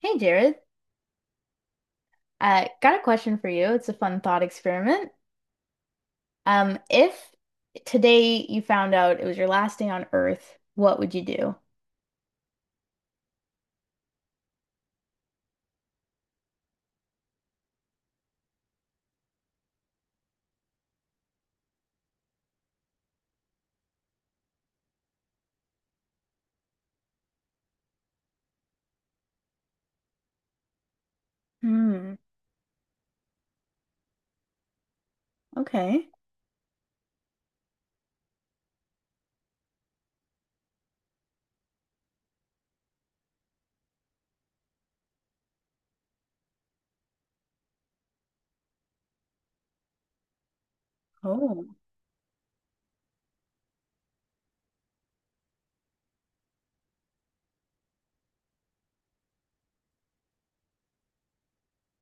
Hey Jared, got a question for you. It's a fun thought experiment. If today you found out it was your last day on Earth, what would you do? Hmm. Okay. Oh.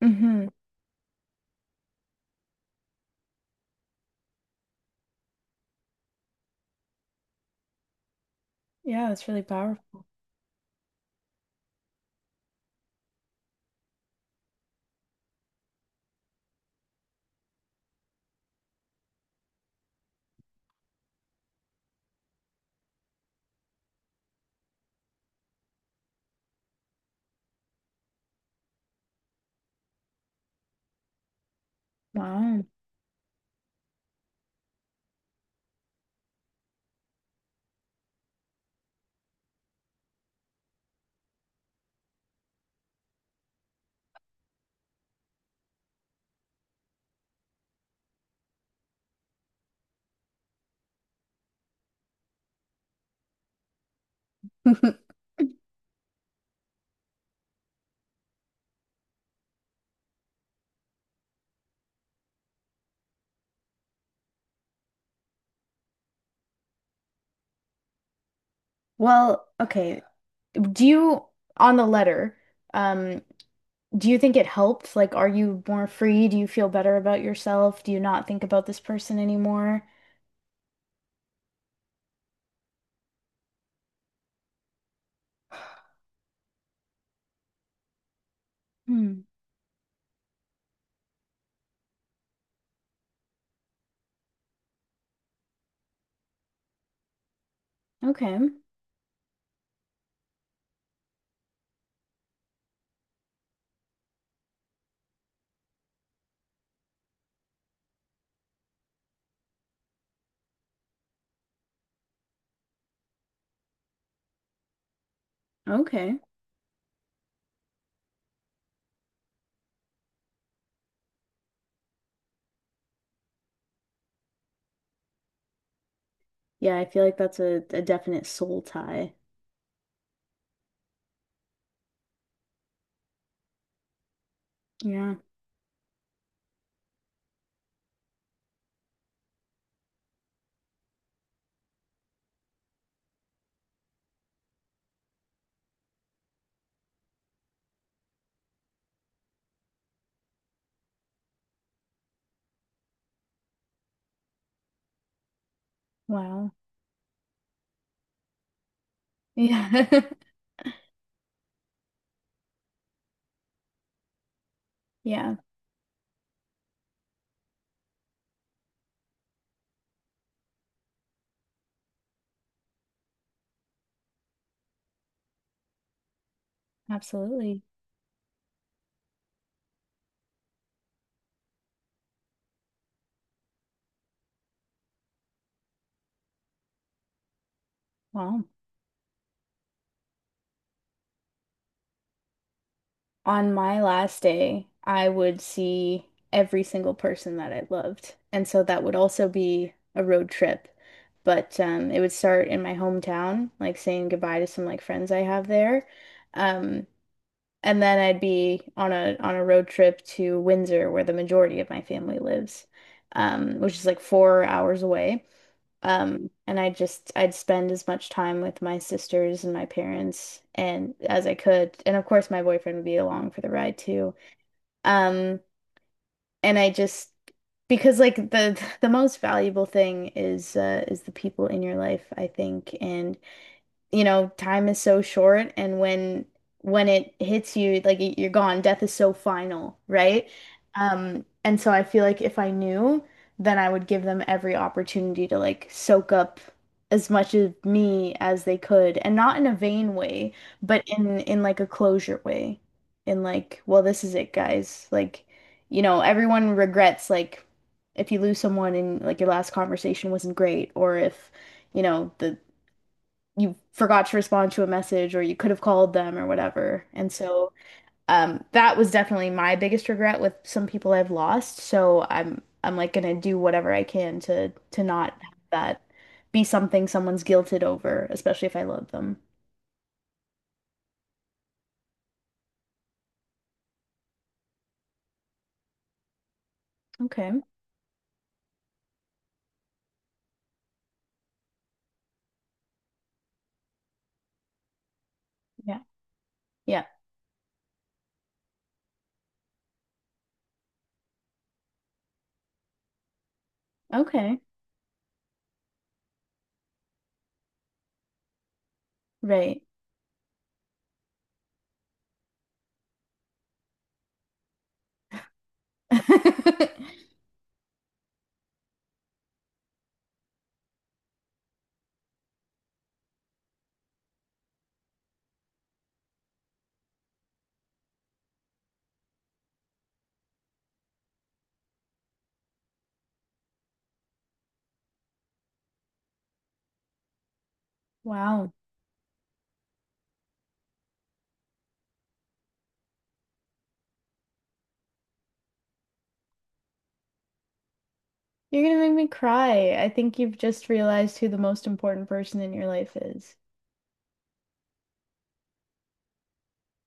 Mm-hmm. Yeah, that's really powerful. Wow. Well, okay. Do you, on the letter, um, do you think it helped? Like, are you more free? Do you feel better about yourself? Do you not think about this person anymore? Hmm. Okay. Okay. Yeah, I feel like that's a definite soul tie. Yeah. Wow. Yeah. Yeah, absolutely. Wow. On my last day, I would see every single person that I loved. And so that would also be a road trip. But it would start in my hometown, like saying goodbye to some like friends I have there. Um, and then I'd be on a road trip to Windsor, where the majority of my family lives, which is like 4 hours away. And I'd spend as much time with my sisters and my parents and as I could. And of course my boyfriend would be along for the ride too. Um, and I just because like the the most valuable thing is the people in your life, I think. And you know, time is so short and when it hits you, like you're gone. Death is so final, right? And so I feel like if I knew, then I would give them every opportunity to like soak up as much of me as they could, and not in a vain way, but in like a closure way. In like, well, this is it, guys. Like, you know, everyone regrets like if you lose someone and like your last conversation wasn't great, or if you know the you forgot to respond to a message or you could have called them or whatever. And so that was definitely my biggest regret with some people I've lost. So I'm like gonna do whatever I can to not have that be something someone's guilted over, especially if I love them. Okay. Yeah. Yeah. Okay. Right. Wow. You're gonna make me cry. I think you've just realized who the most important person in your life is.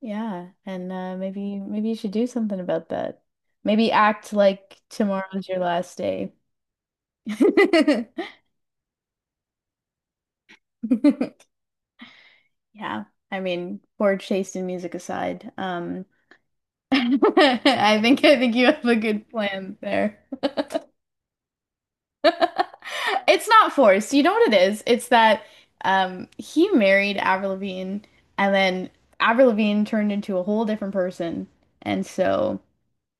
Yeah, and maybe you should do something about that. Maybe act like tomorrow's your last day. Yeah, I mean, poor taste in music aside, I think you have a good plan there. It's not forced. You know what it is? It's that he married Avril Lavigne, and then Avril Lavigne turned into a whole different person, and so.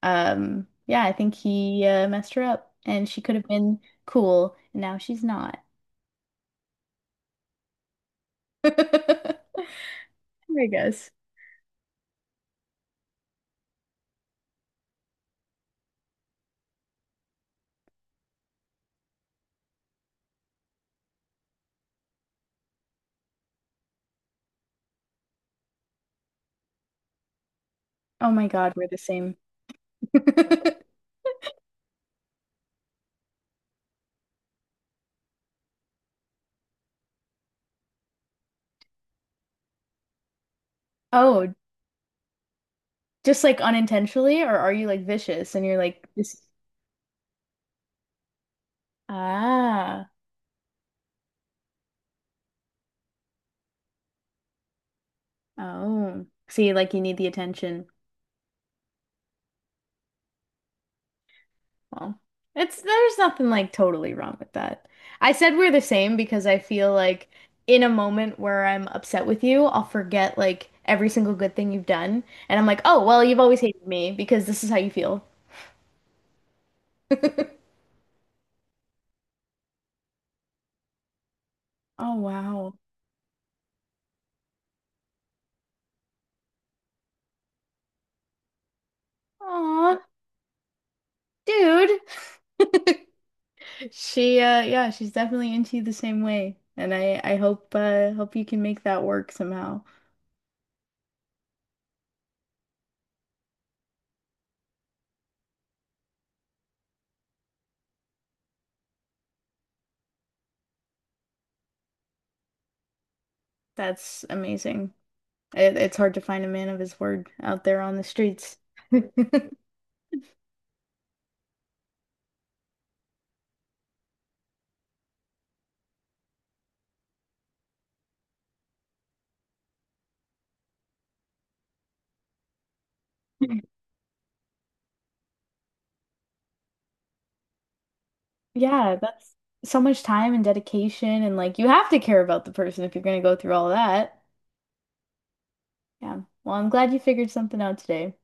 Yeah, I think he messed her up and she could have been cool, and now she's not. I guess. Oh my God, we're the same. Oh, just like unintentionally, or are you like vicious and you're like this? Ah, oh. See, like you need the attention. Well, it's there's nothing like totally wrong with that. I said we're the same because I feel like in a moment where I'm upset with you, I'll forget like every single good thing you've done, and I'm like, "Oh, well, you've always hated me because this is how you feel." Oh, wow. Aw, dude. She yeah, she's definitely into you the same way, and I hope hope you can make that work somehow. That's amazing. It's hard to find a man of his word out there on the streets. Yeah, that's so much time and dedication, and like you have to care about the person if you're going to go through all that. Yeah. Well, I'm glad you figured something out today.